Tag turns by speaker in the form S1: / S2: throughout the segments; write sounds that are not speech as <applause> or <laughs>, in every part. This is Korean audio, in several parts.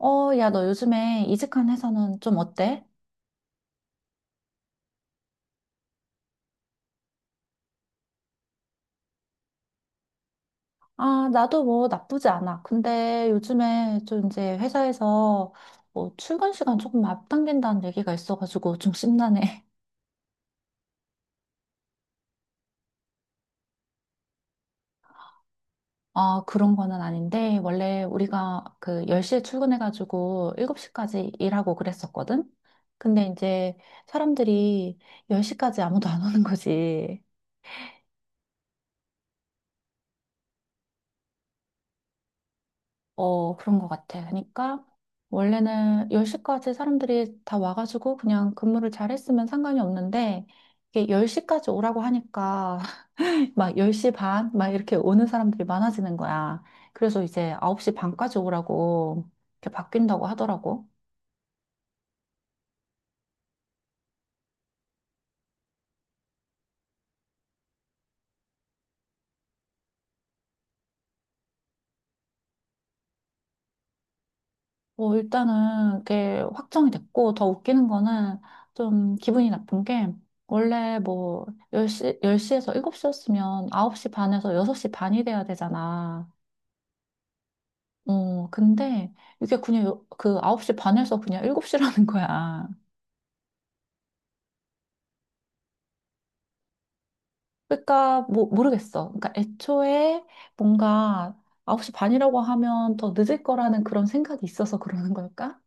S1: 야, 너 요즘에 이직한 회사는 좀 어때? 아, 나도 뭐 나쁘지 않아. 근데 요즘에 좀 이제 회사에서 뭐 출근 시간 조금 앞당긴다는 얘기가 있어가지고 좀 심란해. <laughs> 아, 그런 거는 아닌데, 원래 우리가 그 10시에 출근해가지고 7시까지 일하고 그랬었거든? 근데 이제 사람들이 10시까지 아무도 안 오는 거지. 어, 그런 것 같아. 그러니까 원래는 10시까지 사람들이 다 와가지고 그냥 근무를 잘 했으면 상관이 없는데 이게 10시까지 오라고 하니까 <laughs> 막 10시 반? 막 이렇게 오는 사람들이 많아지는 거야. 그래서 이제 9시 반까지 오라고 이렇게 바뀐다고 하더라고. 뭐 일단은 그게 확정이 됐고 더 웃기는 거는 좀 기분이 나쁜 게 원래 뭐 열시 10시에서 7시였으면 9시 반에서 6시 반이 돼야 되잖아. 어, 근데 이게 그냥 그 9시 반에서 그냥 7시라는 거야. 그러니까 뭐 모르겠어. 그러니까 애초에 뭔가 9시 반이라고 하면 더 늦을 거라는 그런 생각이 있어서 그러는 걸까?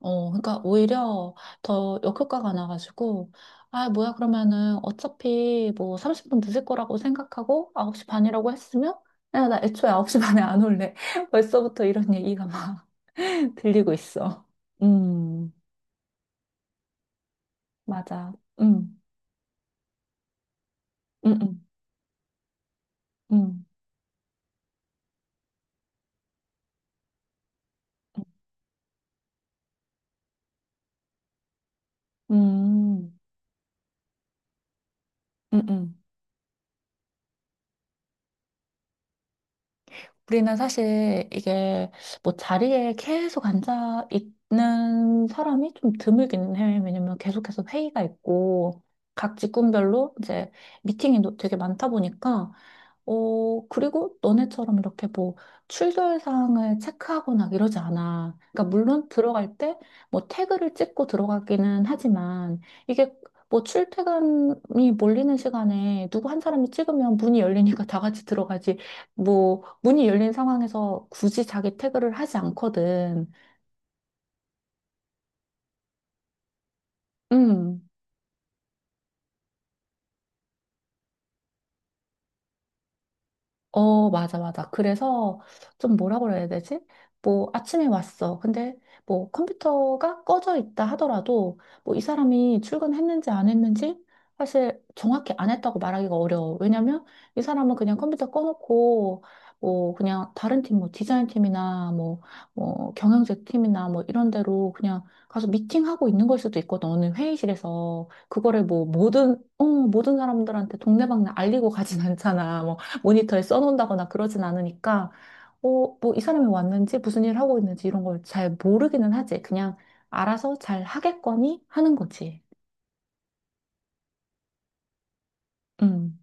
S1: 어, 그러니까 오히려 더 역효과가 나가지고 아, 뭐야 그러면은 어차피 뭐 30분 늦을 거라고 생각하고 9시 반이라고 했으면 야, 나 애초에 9시 <laughs> 반에 안 올래. <laughs> 벌써부터 이런 얘기가 막 <laughs> 들리고 있어. 음, 맞아. 음. 음, 음, 음, 음, 음, 음. 우리는 사실 이게 뭐 자리에 계속 앉아 있는 사람이 좀 드물긴 해. 왜냐면 계속해서 회의가 있고 각 직군별로 이제 미팅이 되게 많다 보니까 어, 그리고 너네처럼 이렇게 뭐 출결 사항을 체크하거나 이러지 않아. 그러니까 물론 들어갈 때 뭐 태그를 찍고 들어가기는 하지만 이게 뭐 출퇴근이 몰리는 시간에 누구 한 사람이 찍으면 문이 열리니까 <laughs> 다 같이 들어가지. 뭐 문이 열린 상황에서 굳이 자기 태그를 하지 않거든. 음. 어, 맞아, 맞아. 그래서 좀 뭐라 그래야 되지? 뭐 아침에 왔어. 근데 뭐 컴퓨터가 꺼져 있다 하더라도 뭐 이 사람이 출근했는지 안 했는지 사실 정확히 안 했다고 말하기가 어려워. 왜냐면 이 사람은 그냥 컴퓨터 꺼놓고 뭐 그냥 다른 팀, 뭐 디자인 팀이나 뭐, 뭐 경영제 팀이나 뭐 이런 데로 그냥 가서 미팅하고 있는 걸 수도 있거든. 어느 회의실에서. 그거를 뭐 모든, 어, 모든 사람들한테 동네방네 알리고 가진 <laughs> 않잖아. 뭐 모니터에 써놓는다거나 그러진 않으니까, 어, 뭐 이 사람이 왔는지 무슨 일을 하고 있는지 이런 걸 잘 모르기는 하지. 그냥 알아서 잘 하겠거니 하는 거지. 음.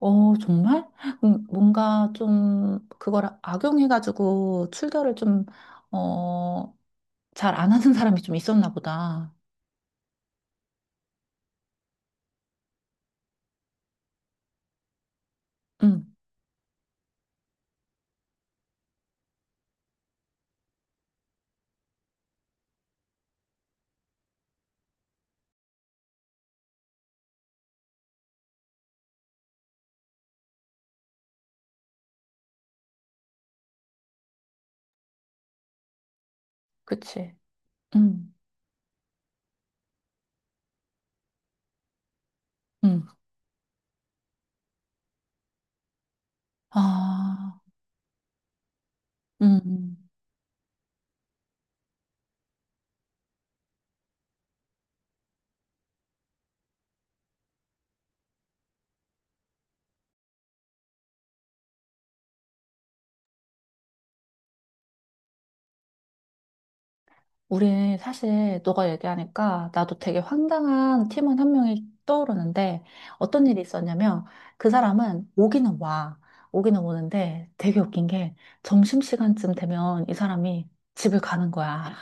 S1: 어, 정말? 뭔가 좀 그걸 악용해가지고 출결을 좀, 어, 잘 안 하는 사람이 좀 있었나 보다. 음, 그치. 음, 음. 아, 음. 우리 사실 너가 얘기하니까 나도 되게 황당한 팀원 한 명이 떠오르는데 어떤 일이 있었냐면 그 사람은 오기는 와. 오기는 오는데 되게 웃긴 게 점심시간쯤 되면 이 사람이 집을 가는 거야.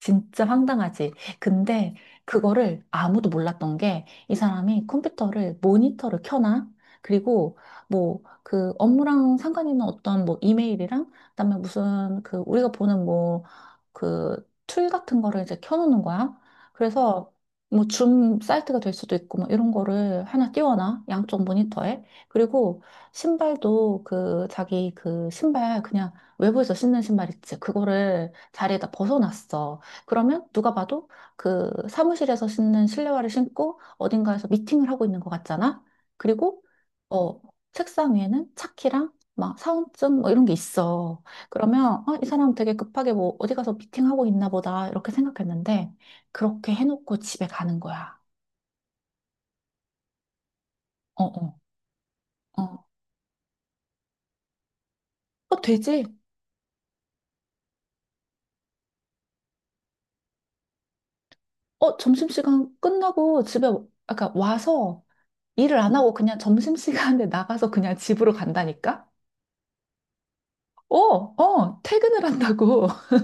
S1: 진짜 황당하지. 근데 그거를 아무도 몰랐던 게 이 사람이 컴퓨터를 모니터를 켜놔. 그리고 뭐 그 업무랑 상관 있는 어떤 뭐 이메일이랑 그다음에 무슨 그 우리가 보는 뭐 그 툴 같은 거를 이제 켜놓는 거야. 그래서 뭐 줌 사이트가 될 수도 있고 뭐 이런 거를 하나 띄워놔. 양쪽 모니터에. 그리고 신발도 그 자기 그 신발 그냥 외부에서 신는 신발 있지. 그거를 자리에다 벗어놨어. 그러면 누가 봐도 그 사무실에서 신는 실내화를 신고 어딘가에서 미팅을 하고 있는 것 같잖아. 그리고 어 책상 위에는 차키랑 막 사원증 뭐 이런 게 있어. 그러면 어, 이 사람 되게 급하게 뭐 어디 가서 미팅하고 있나 보다 이렇게 생각했는데 그렇게 해놓고 집에 가는 거야. 어, 어, 어. 어, 되지? 어, 점심시간 끝나고 집에 아까 와서 일을 안 하고 그냥 점심시간에 <laughs> 나가서 그냥 집으로 간다니까? 어, 어, 퇴근을 한다고. <laughs>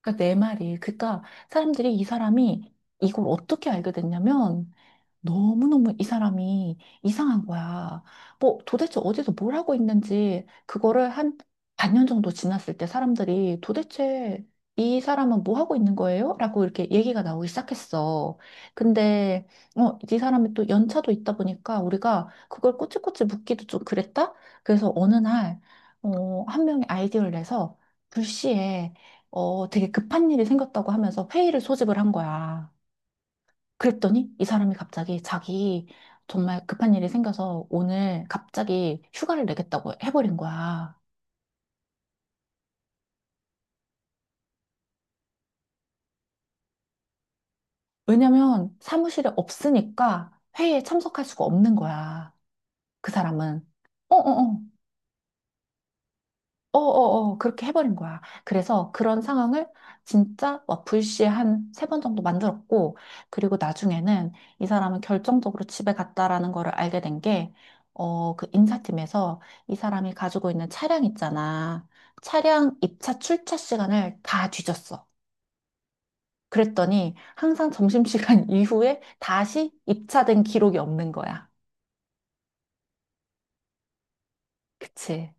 S1: 그러니까 내 말이. 그러니까 사람들이 이 사람이 이걸 어떻게 알게 됐냐면 너무너무 이 사람이 이상한 거야. 뭐 도대체 어디서 뭘 하고 있는지 그거를 한 반년 정도 지났을 때 사람들이 도대체 이 사람은 뭐 하고 있는 거예요? 라고 이렇게 얘기가 나오기 시작했어. 근데 어, 이 사람이 또 연차도 있다 보니까 우리가 그걸 꼬치꼬치 묻기도 좀 그랬다? 그래서 어느 날 한 명이 아이디어를 내서 불시에 되게 급한 일이 생겼다고 하면서 회의를 소집을 한 거야. 그랬더니 이 사람이 갑자기 자기 정말 급한 일이 생겨서 오늘 갑자기 휴가를 내겠다고 해버린 거야. 왜냐면 사무실에 없으니까 회의에 참석할 수가 없는 거야. 그 사람은. 어어어. 어어어 그렇게 해버린 거야. 그래서 그런 상황을 진짜 와플씨 한 세 번 정도 만들었고 그리고 나중에는 이 사람은 결정적으로 집에 갔다라는 거를 알게 된 게 그 인사팀에서 이 사람이 가지고 있는 차량 있잖아. 차량 입차 출차 시간을 다 뒤졌어. 그랬더니 항상 점심시간 <laughs> 이후에 다시 입차된 기록이 없는 거야. 그치?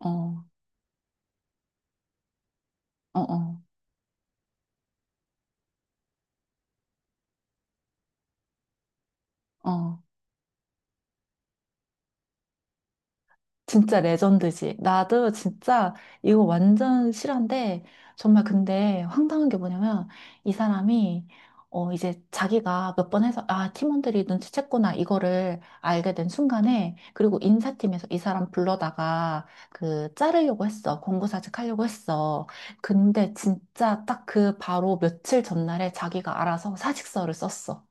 S1: 어, 어, 어, 어. 진짜 레전드지. 나도 진짜 이거 완전 실화인데, 정말 근데 황당한 게 뭐냐면, 이 사람이, 이제 자기가 몇 번 해서, 아, 팀원들이 눈치챘구나, 이거를 알게 된 순간에, 그리고 인사팀에서 이 사람 불러다가, 그, 자르려고 했어. 공고사직 하려고 했어. 근데 진짜 딱 그 바로 며칠 전날에 자기가 알아서 사직서를 썼어.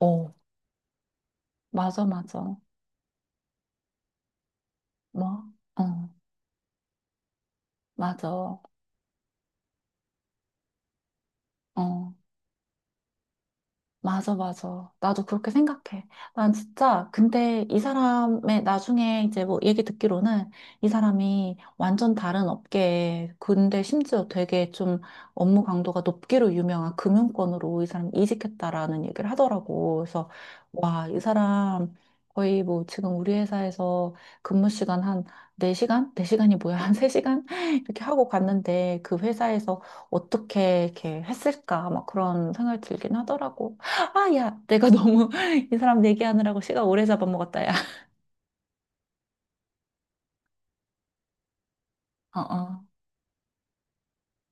S1: 어, 맞아, 맞아. 뭐? 어, 맞아. 어. 맞아, 맞아. 나도 그렇게 생각해. 난 진짜, 근데 이 사람의 나중에 이제 뭐 얘기 듣기로는 이 사람이 완전 다른 업계에, 근데 심지어 되게 좀 업무 강도가 높기로 유명한 금융권으로 이 사람이 이직했다라는 얘기를 하더라고. 그래서, 와, 이 사람 거의 뭐 지금 우리 회사에서 근무 시간 한 4시간? 4시간이 뭐야? 한 3시간? <laughs> 이렇게 하고 갔는데 그 회사에서 어떻게 이렇게 했을까? 막 그런 생각이 들긴 하더라고. 아, 야, 내가 너무 <laughs> 이 사람 얘기하느라고 시간 오래 잡아먹었다, 야. <laughs> 어, 어,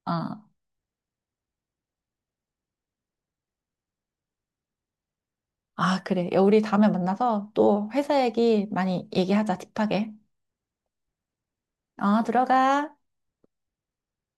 S1: 어. 아, 그래. 야, 우리 다음에 만나서 또 회사 얘기 많이 얘기하자, 딥하게. 어, 들어가.